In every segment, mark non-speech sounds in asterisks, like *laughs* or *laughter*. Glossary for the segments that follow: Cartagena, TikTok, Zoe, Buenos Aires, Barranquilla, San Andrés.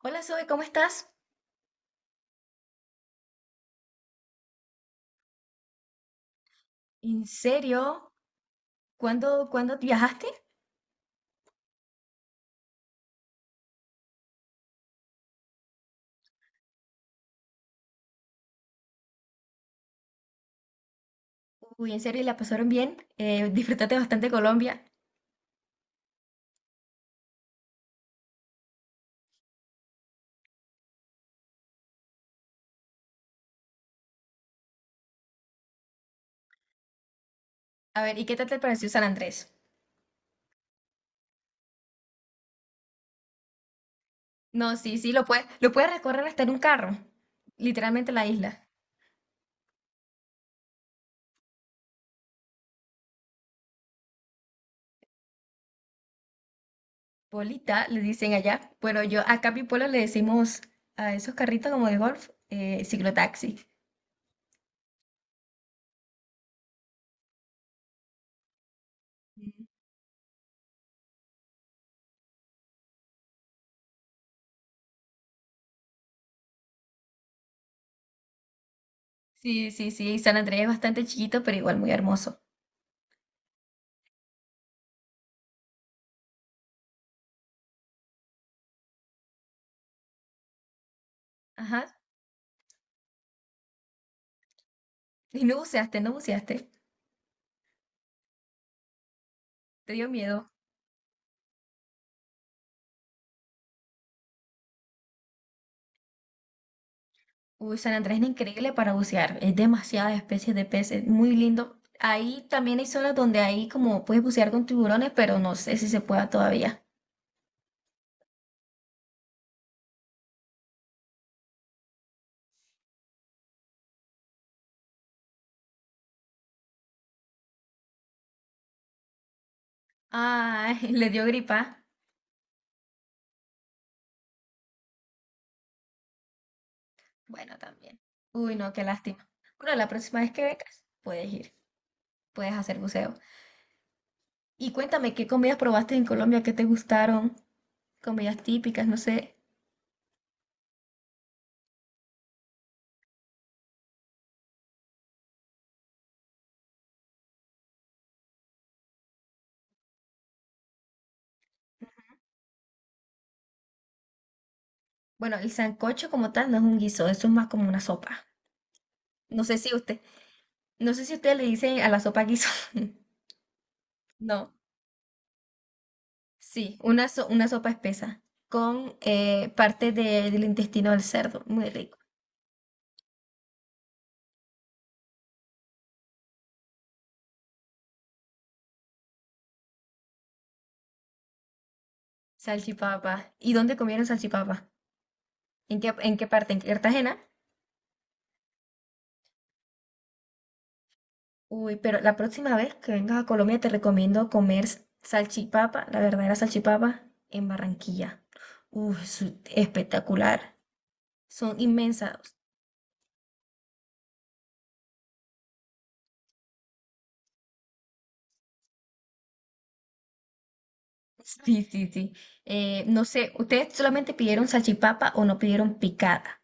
Hola, Zoe, ¿cómo estás? ¿En serio? ¿Cuándo viajaste? Uy, ¿en serio? ¿Y la pasaron bien? ¿Disfrutaste bastante Colombia? A ver, ¿y qué tal te pareció San Andrés? No, sí, sí, lo puedes recorrer hasta en un carro, literalmente la isla. Bolita, le dicen allá. Bueno, yo acá en mi pueblo le decimos a esos carritos como de golf, ciclotaxi. Sí, sí, sí, San Andrés es bastante chiquito, pero igual muy hermoso. Ajá. ¿Y no buceaste? ¿No buceaste? ¿Te dio miedo? Uy, San Andrés es increíble para bucear, es demasiadas especies de peces, muy lindo. Ahí también hay zonas donde ahí como puedes bucear con tiburones, pero no sé si se pueda todavía. Ay, *laughs* le dio gripa. Bueno, también. Uy, no, qué lástima. Bueno, la próxima vez que vengas, puedes ir, puedes hacer buceo. Y cuéntame, ¿qué comidas probaste en Colombia? ¿Qué te gustaron? Comidas típicas, no sé. Bueno, el sancocho como tal no es un guiso, eso es más como una sopa. No sé si usted, no sé si usted le dice a la sopa guiso. *laughs* No. Sí, una, una sopa espesa con parte del intestino del cerdo. Muy rico. Salchipapa. ¿Y dónde comieron salchipapa? ¿En qué parte? ¿En Cartagena? Uy, pero la próxima vez que vengas a Colombia te recomiendo comer salchipapa, la verdadera salchipapa, en Barranquilla. Uy, espectacular. Son inmensas. Sí, sí, sí. No sé, ¿ustedes solamente pidieron salchipapa o no pidieron picada?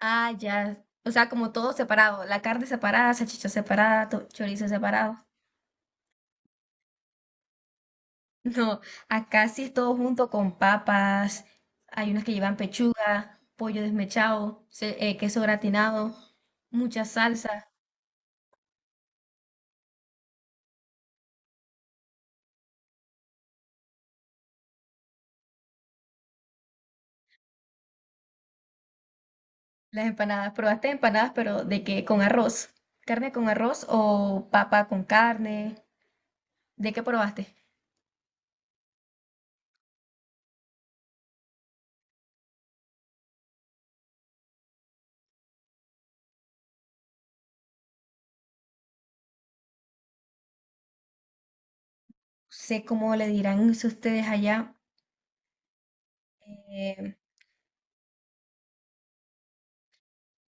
Ah, ya. O sea, como todo separado. La carne separada, salchicha separada, chorizo separado. *laughs* No, acá sí es todo junto con papas. Hay unas que llevan pechuga, pollo desmechado, queso gratinado, mucha salsa. Las empanadas, probaste empanadas, pero ¿de qué? ¿Con arroz? ¿Carne con arroz o papa con carne? ¿De qué probaste? No sé cómo le dirán eso ustedes allá. Eh,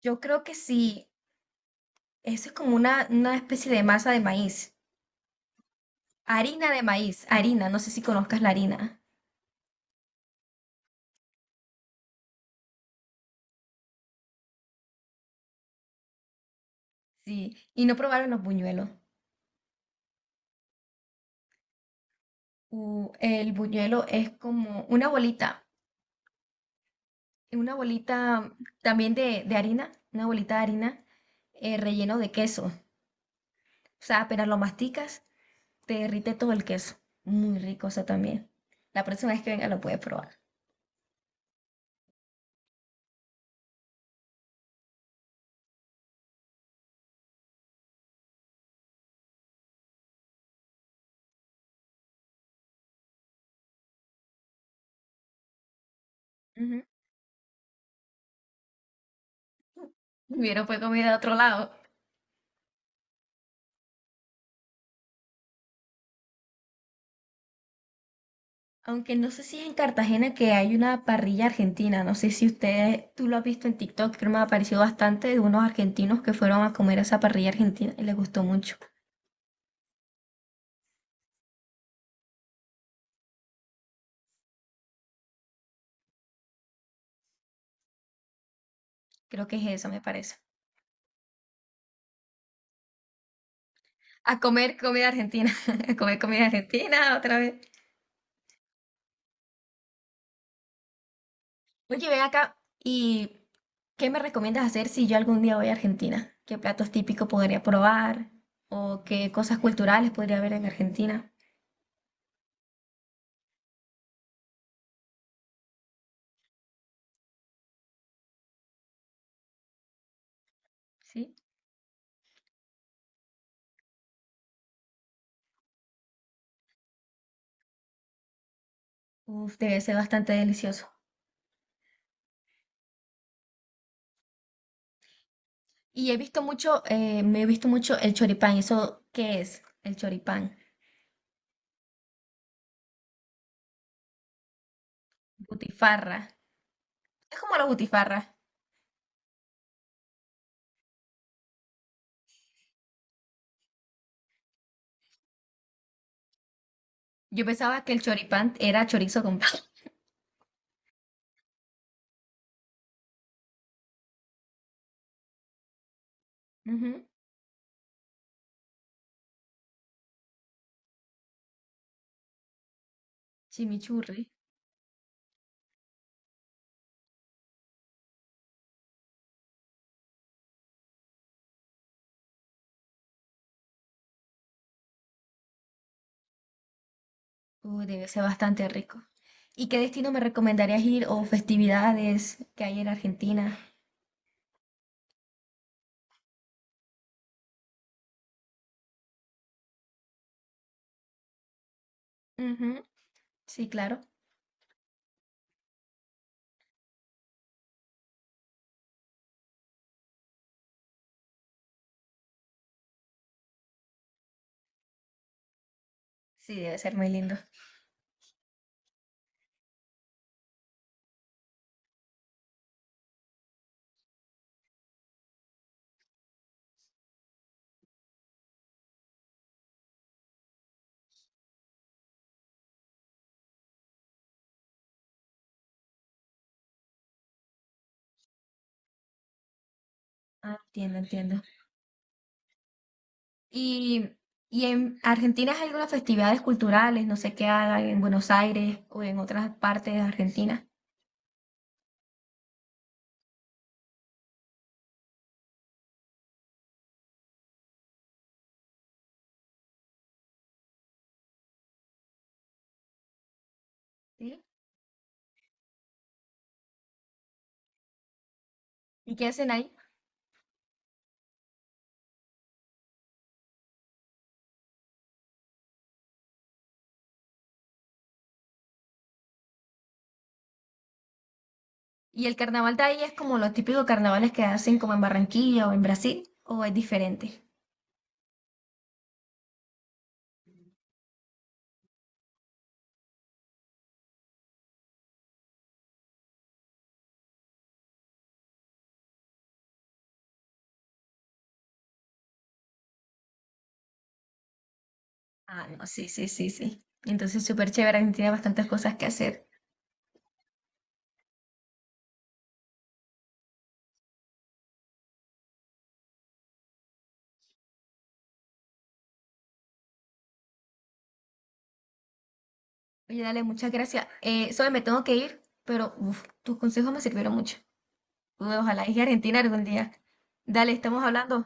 yo creo que sí. Eso es como una especie de masa de maíz. Harina de maíz, harina, no sé si conozcas la harina. Sí, ¿y no probaron los buñuelos? El buñuelo es como una bolita también de harina, una bolita de harina relleno de queso. O sea, apenas lo masticas, te derrite todo el queso. Muy rico eso también. La próxima vez que venga lo puedes probar. Ujú. Hubiera fue comida de otro lado. Aunque no sé si es en Cartagena que hay una parrilla argentina, no sé si usted, tú lo has visto en TikTok, creo que me ha aparecido bastante de unos argentinos que fueron a comer a esa parrilla argentina y les gustó mucho. Creo que es eso, me parece. A comer comida argentina, *laughs* a comer comida argentina otra vez. Oye, ven acá y ¿qué me recomiendas hacer si yo algún día voy a Argentina? ¿Qué platos típicos podría probar? ¿O qué cosas culturales podría ver en Argentina? Sí. Uf, debe ser bastante delicioso. Y he visto mucho, me he visto mucho el choripán. ¿Eso qué es? El choripán. Butifarra. Es como la butifarra. Yo pensaba que el choripán era chorizo con pan. *laughs* Ujú. Chimichurri. Debe ser bastante rico. ¿Y qué destino me recomendarías ir o festividades que hay en Argentina? Ujú. Sí, claro. Sí, debe ser muy lindo. Ah, entiendo, entiendo. ¿Y, y en Argentina hay algunas festividades culturales? No sé qué hagan en Buenos Aires o en otras partes de Argentina. Sí. ¿Y qué hacen ahí? ¿Y el carnaval de ahí es como los típicos carnavales que hacen como en Barranquilla o en Brasil? ¿O es diferente? Ah, no, sí, sí, sí, sí. Entonces, súper chévere, Argentina, bastantes cosas que hacer. Oye, dale, muchas gracias. Zoe, me tengo que ir, pero uf, tus consejos me sirvieron mucho. Uy, ojalá llegue a Argentina algún día. Dale, estamos hablando.